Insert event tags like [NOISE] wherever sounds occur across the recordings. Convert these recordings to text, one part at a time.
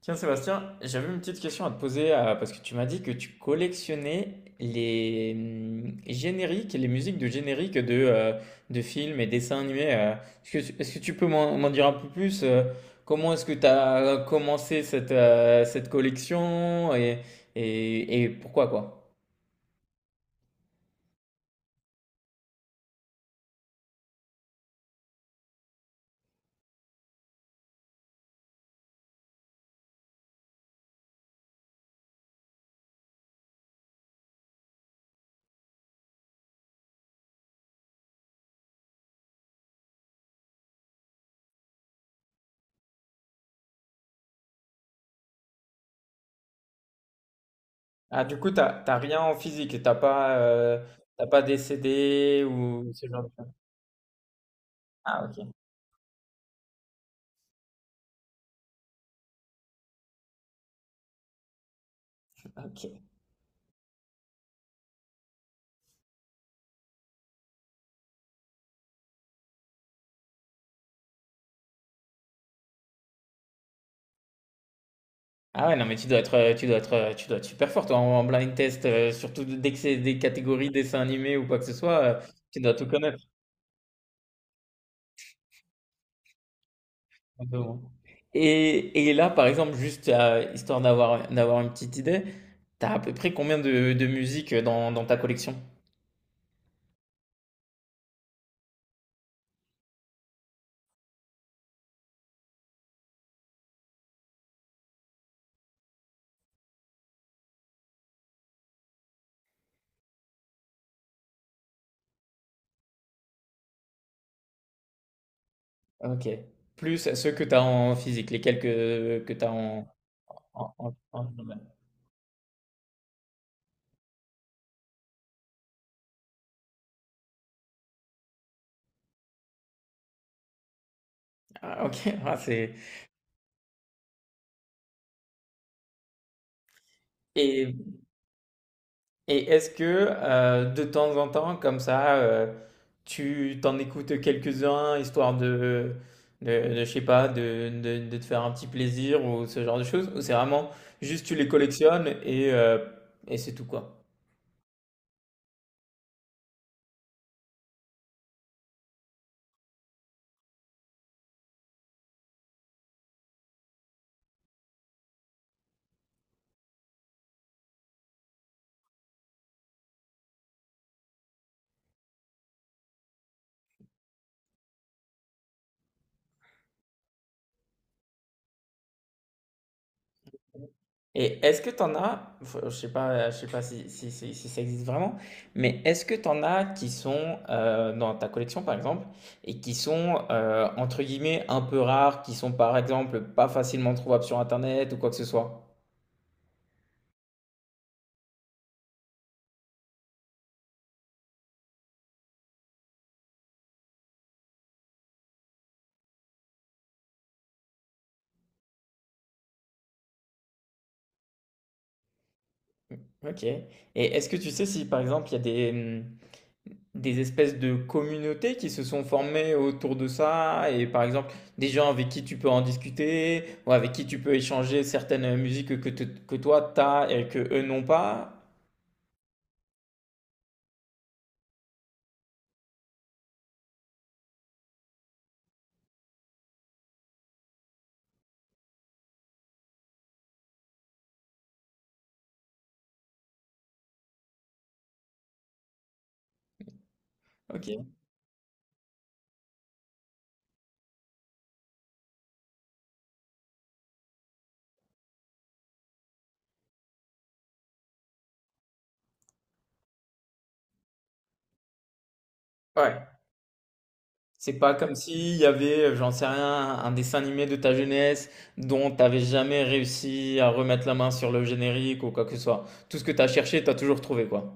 Tiens Sébastien, j'avais une petite question à te poser, parce que tu m'as dit que tu collectionnais les génériques et les musiques de génériques de de films et dessins animés. Est-ce que, est-ce que tu peux m'en dire un peu plus? Comment est-ce que tu as commencé cette cette collection et, et pourquoi quoi? Ah, du coup t'as rien en physique, t'as pas des CD ou ce genre de choses. Ah ok. Ok. Ah ouais, non, mais tu dois être super fort toi en blind test, surtout dès que c'est des catégories dessins animés ou quoi que ce soit, tu dois tout connaître un peu au. Et là, par exemple, juste, histoire d'avoir une petite idée, t'as à peu près combien de musique dans ta collection? OK. Plus ceux que t'as en physique, les quelques que t'as en en en en Ah, ok, [LAUGHS] Ah, c'est... Et, et est-ce que, de temps en temps, comme ça, tu t'en écoutes quelques-uns, histoire de, je sais pas, de te faire un petit plaisir ou ce genre de choses? Ou c'est vraiment juste tu les collectionnes et c'est tout quoi? Et est-ce que t'en as, enfin, je sais pas, si ça existe vraiment, mais est-ce que t'en as qui sont, dans ta collection par exemple et qui sont, entre guillemets un peu rares, qui sont par exemple pas facilement trouvables sur internet ou quoi que ce soit? Ok. Et est-ce que tu sais si par exemple il y a des espèces de communautés qui se sont formées autour de ça et par exemple des gens avec qui tu peux en discuter ou avec qui tu peux échanger certaines musiques que toi t'as et que eux n'ont pas? Ok. Ouais. C'est pas comme s'il y avait, j'en sais rien, un dessin animé de ta jeunesse dont t'avais jamais réussi à remettre la main sur le générique ou quoi que ce soit. Tout ce que t'as cherché, t'as toujours trouvé, quoi.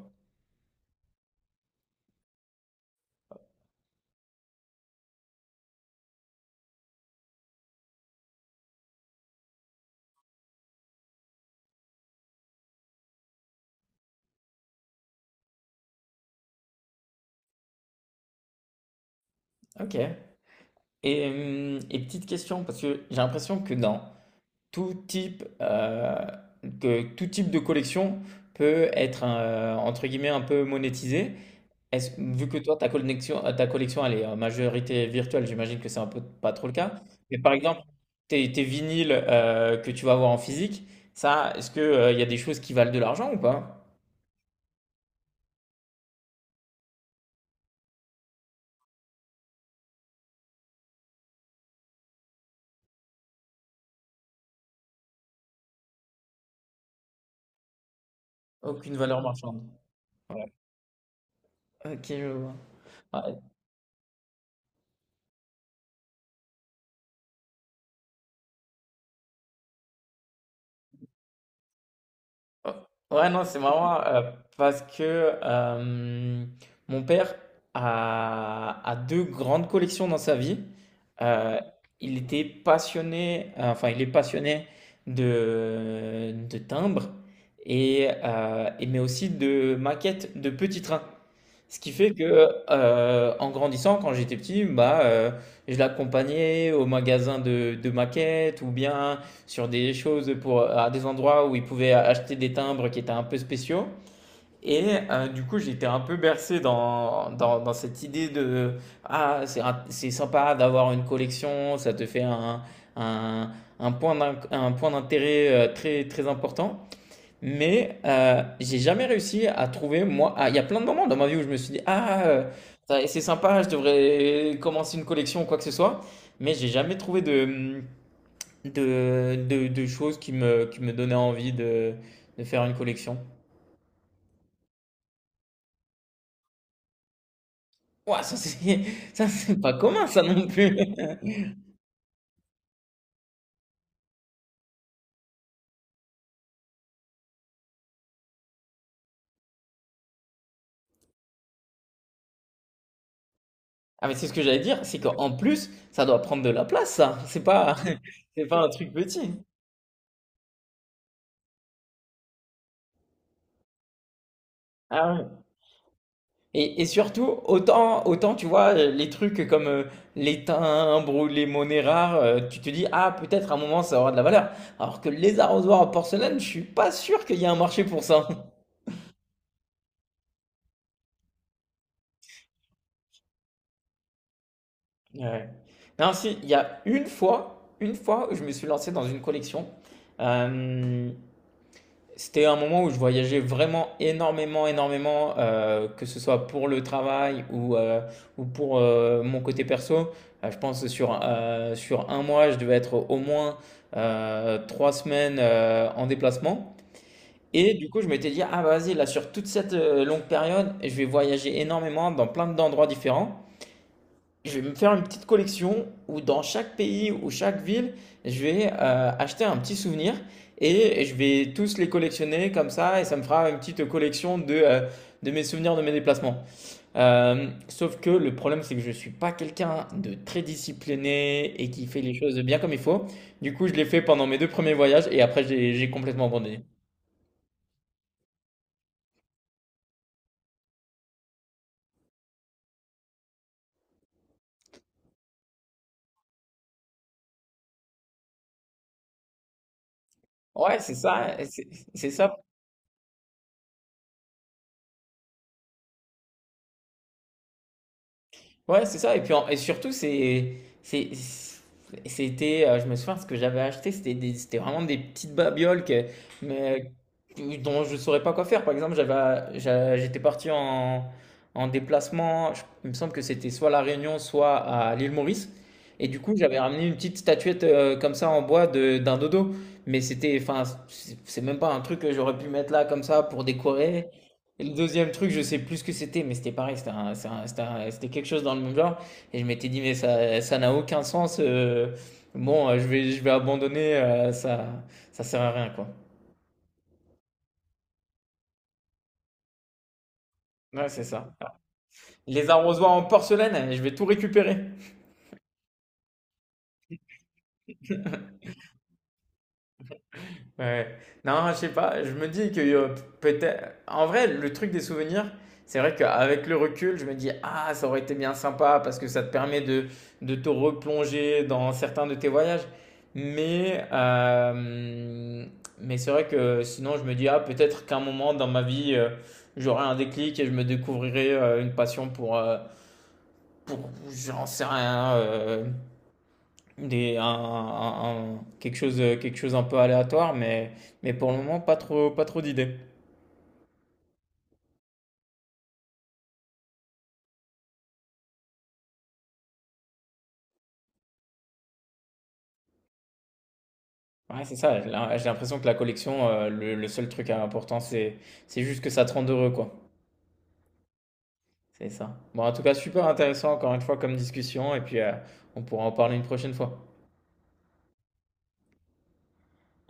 Ok. Et petite question, parce que j'ai l'impression que dans tout type, que tout type de collection peut être, entre guillemets, un peu monétisé. Est-ce vu que toi, ta collection, elle est en majorité virtuelle, j'imagine que c'est un peu pas trop le cas. Mais par exemple, tes vinyles que tu vas avoir en physique, ça, est-ce que, il y a des choses qui valent de l'argent ou pas? Aucune valeur marchande. Ouais. Ok, je vois. Ouais. Oh, ouais, non, c'est marrant, parce que, euh, mon père a deux grandes collections dans sa vie. Euh, il était passionné, enfin, il est passionné de timbres mais aussi de maquettes de petits trains. Ce qui fait que, en grandissant, quand j'étais petit, bah, je l'accompagnais au magasin de maquettes ou bien sur des choses pour à des endroits où il pouvait acheter des timbres qui étaient un peu spéciaux et, du coup, j'étais un peu bercé dans cette idée de: «Ah, c'est sympa d'avoir une collection, ça te fait un un point d'inc un point d'intérêt, très, très important.» Mais, j'ai jamais réussi à trouver, moi, ah, il y a plein de moments dans ma vie où je me suis dit, ah, ça- c'est sympa, je devrais commencer une collection ou quoi que ce soit, mais j'ai jamais trouvé de choses qui me donnaient envie de faire une collection. Ouah, [LAUGHS] ça c'est pas commun ça non plus. Ah mais c'est ce que j'allais dire, c'est qu'en plus, ça doit prendre de la place ça, c'est pas, [LAUGHS] c'est pas un truc petit. Ah ouais. Et, surtout, autant, tu vois, les trucs comme les timbres ou les monnaies rares, tu te dis, ah, peut-être à un moment ça aura de la valeur. Alors que les arrosoirs en porcelaine, je suis pas sûr qu'il y ait un marché pour ça. [LAUGHS] Ouais. Non, si, il y a une fois où je me suis lancé dans une collection. Euh, C'était un moment où je voyageais vraiment énormément, que ce soit pour le travail ou, ou pour, mon côté perso. Je pense que sur un mois, je devais être au moins, trois semaines, en déplacement. Et du coup, je m'étais dit, ah bah, vas-y, là, sur toute cette, longue période, je vais voyager énormément dans plein d'endroits différents. Je vais me faire une petite collection où dans chaque pays ou chaque ville, je vais, acheter un petit souvenir et je vais tous les collectionner comme ça et ça me fera une petite collection de de mes souvenirs de mes déplacements. Sauf que le problème, c'est que je ne suis pas quelqu'un de très discipliné et qui fait les choses bien comme il faut. Du coup, je l'ai fait pendant mes deux premiers voyages et après, j'ai complètement abandonné. Ouais, c'est ça. Ouais, c'est ça. Et puis surtout, c'est, c'était, je me souviens, ce que j'avais acheté, c'était vraiment des petites babioles mais, dont je ne saurais pas quoi faire. Par exemple, j'étais parti en, en déplacement. Il me semble que c'était soit à La Réunion, soit à l'île Maurice. Et du coup, j'avais ramené une petite statuette, comme ça en bois d'un dodo. Mais c'était, enfin, c'est même pas un truc que j'aurais pu mettre là comme ça pour décorer. Et le deuxième truc, je sais plus ce que c'était, mais c'était pareil, c'était un- c'est un- c'était quelque chose dans le même genre. Et je m'étais dit, mais ça n'a aucun sens. Je vais, je vais abandonner, ça sert à rien, quoi. Ouais, c'est ça. Les arrosoirs en porcelaine, je vais tout récupérer. Ouais. Non, je sais pas, je me dis que, peut-être... En vrai, le truc des souvenirs, c'est vrai qu'avec le recul, je me dis, ah, ça aurait été bien sympa parce que ça te permet de te replonger dans certains de tes voyages. Mais, euh, mais c'est vrai que sinon, je me dis, ah, peut-être qu'un moment dans ma vie, j'aurai un déclic et je me découvrirai, une passion pour j'en sais rien, des, un- quelque chose un peu aléatoire, mais pour le moment, pas trop d'idées. Ouais, c'est ça, j'ai l'impression que la collection, le seul truc important, c'est juste que ça te rende heureux, quoi. C'est ça. Bon, en tout cas, super intéressant, encore une fois, comme discussion, et puis, on pourra en parler une prochaine fois.